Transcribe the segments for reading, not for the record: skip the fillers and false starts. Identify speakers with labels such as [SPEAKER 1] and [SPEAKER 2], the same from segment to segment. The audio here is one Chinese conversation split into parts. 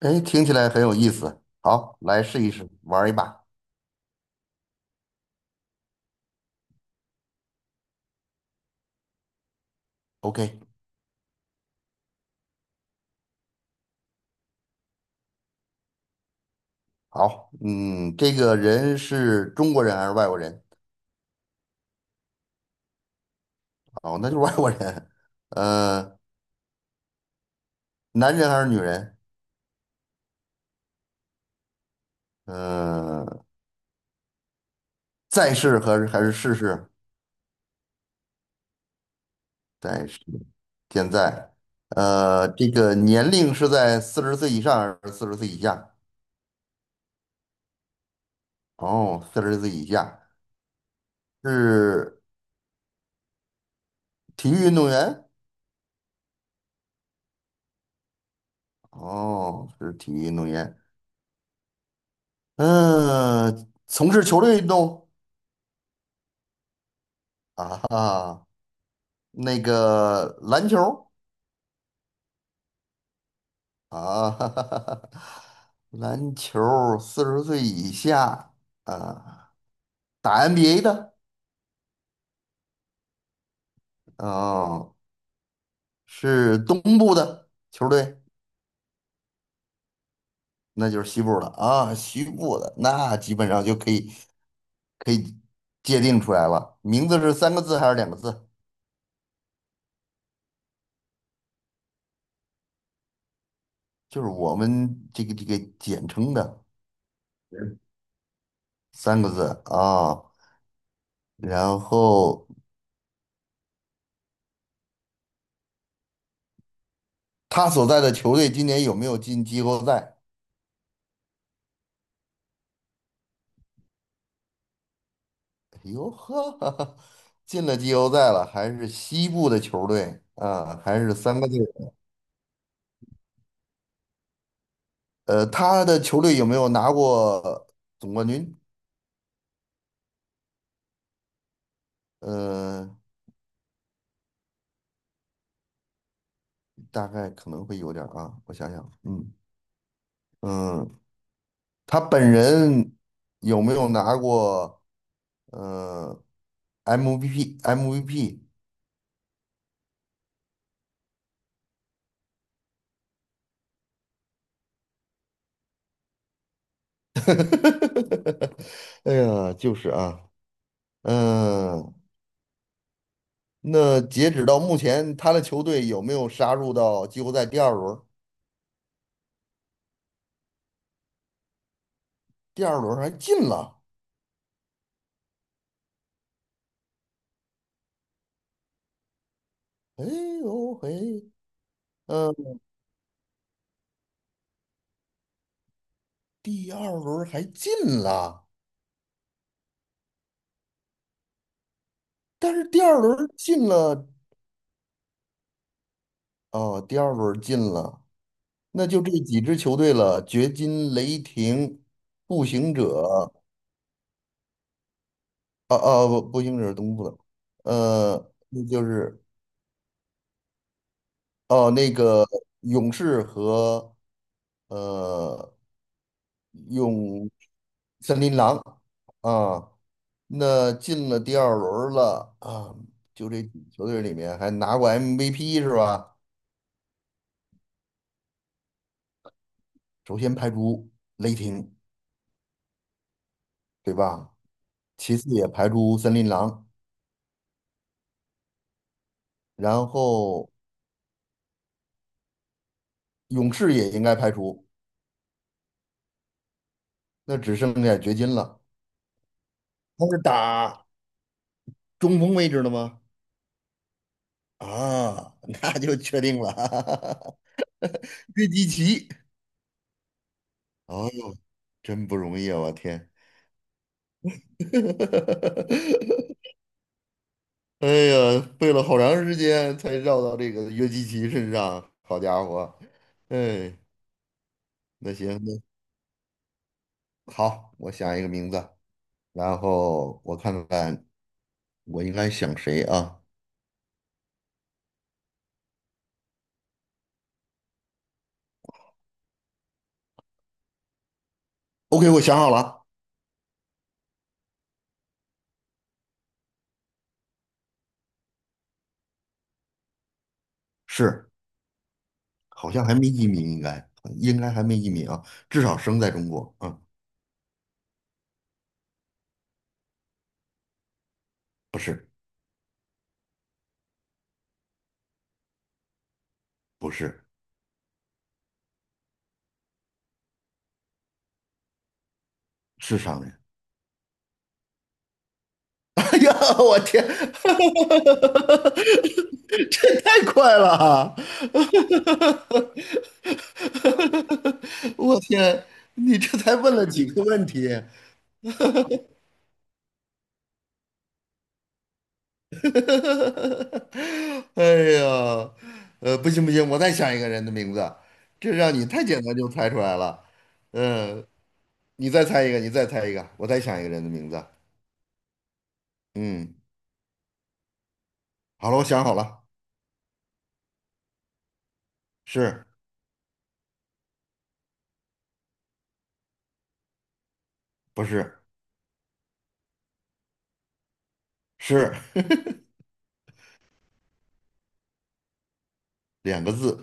[SPEAKER 1] 哎，听起来很有意思。好，来试一试，玩儿一把。OK，好，嗯，这个人是中国人还是外国人？哦，那就是外国人。呃，男人还是女人？呃，在世还是逝世？在世，现在。这个年龄是在40岁以上还是四十岁以下？哦，四十岁以下。是体育运动员？哦，是体育运动员。嗯，从事球类运动。啊哈，那个篮球儿啊，哈哈哈哈，篮球40岁以下啊，打 NBA 的啊，是东部的球队，那就是西部的啊，西部的那基本上就可以界定出来了，名字是三个字还是两个字？就是我们这个简称的三个字啊，然后他所在的球队今年有没有进季后赛？哟呵，进了季后赛了，还是西部的球队啊，还是三个字。他的球队有没有拿过总冠军？呃，大概可能会有点儿啊，我想想，嗯嗯，他本人有没有拿过呃 MVP？MVP？哎呀，就是啊，嗯，那截止到目前，他的球队有没有杀入到季后赛第二轮？第二轮还进了，哎呦嘿，呃，第二轮还进了，但是第二轮进了，哦，第二轮进了，那就这几支球队了：掘金、雷霆、步行者，啊啊，不，步行者是东部的，那就是哦，那个勇士和呃勇森林狼啊。那进了第二轮了啊，就这几球队里面还拿过 MVP 是吧？首先排除雷霆，对吧？其次也排除森林狼，然后勇士也应该排除，那只剩下掘金了。他是打中锋位置的吗？啊，那就确定了，约基奇。哦，真不容易啊！我天，哎呀，背了好长时间才绕到这个约基奇身上，好家伙！哎，那行，那好，我想一个名字，然后我看看我应该想谁啊？OK，我想好了，是，好像还没移民，应该还没移民啊，至少生在中国啊，不是不是，是商人。哎呀，我天，这太快了啊！我天，你这才问了几个问题？哎呀，不行不行，我再想一个人的名字，这让你太简单就猜出来了。嗯，你再猜一个，你再猜一个，我再想一个人的名字。嗯，好了，我想好了，是不是？是 两个字。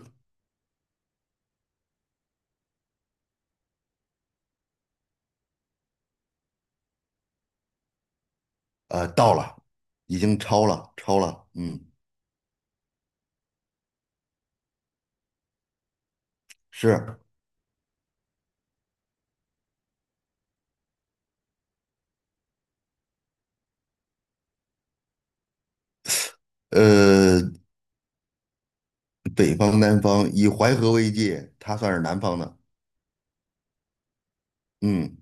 [SPEAKER 1] 到了，已经超了，超了，嗯，是，呃，北方南方以淮河为界，它算是南方的，嗯，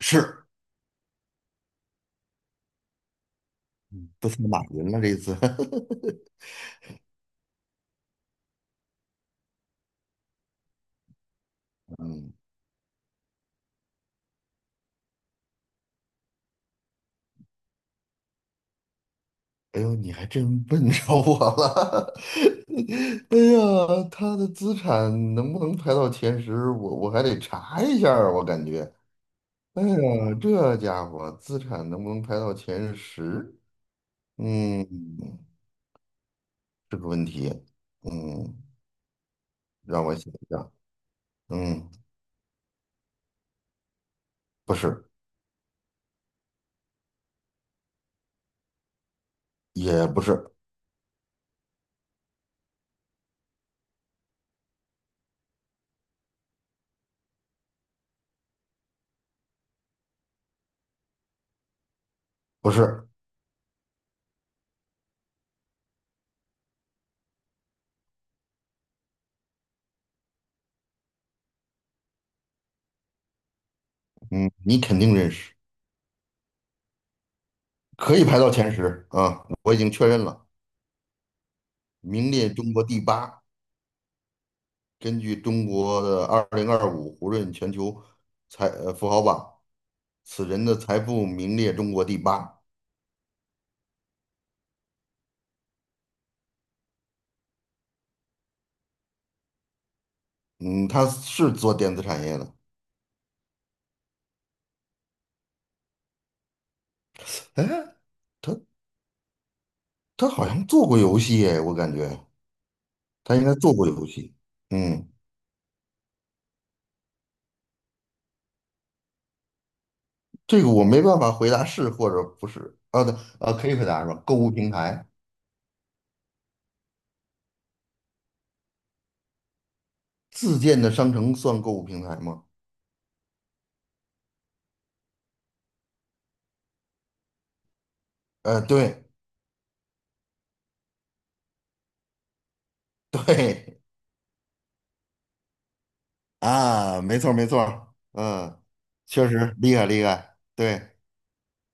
[SPEAKER 1] 是，都算马云了这一次，嗯，哎呦，你还真问着我了，哎呀，他的资产能不能排到前十，我还得查一下儿我感觉，哎呀，这家伙资产能不能排到前十，嗯，这个问题，嗯。让我想一下，嗯，不是，也不是，不是，嗯，你肯定认识，可以排到前十啊，我已经确认了，名列中国第八。根据中国的2025胡润全球富豪榜，此人的财富名列中国第八。嗯，他是做电子产业的，哎，他他好像做过游戏哎，我感觉他应该做过游戏。嗯，这个我没办法回答是或者不是。啊，对，啊，可以回答是吧？购物平台。自建的商城算购物平台吗？对对啊，没错儿没错儿嗯，确实厉害厉害。对，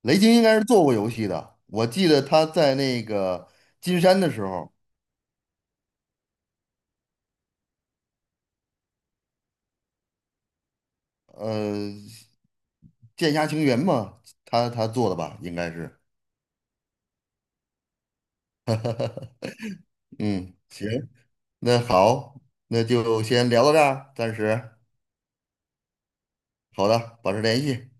[SPEAKER 1] 雷军应该是做过游戏的，我记得他在那个金山的时候，呃，剑侠情缘嘛，他做的吧，应该是。嗯，行，那好，那就先聊到这儿，暂时。好的，保持联系。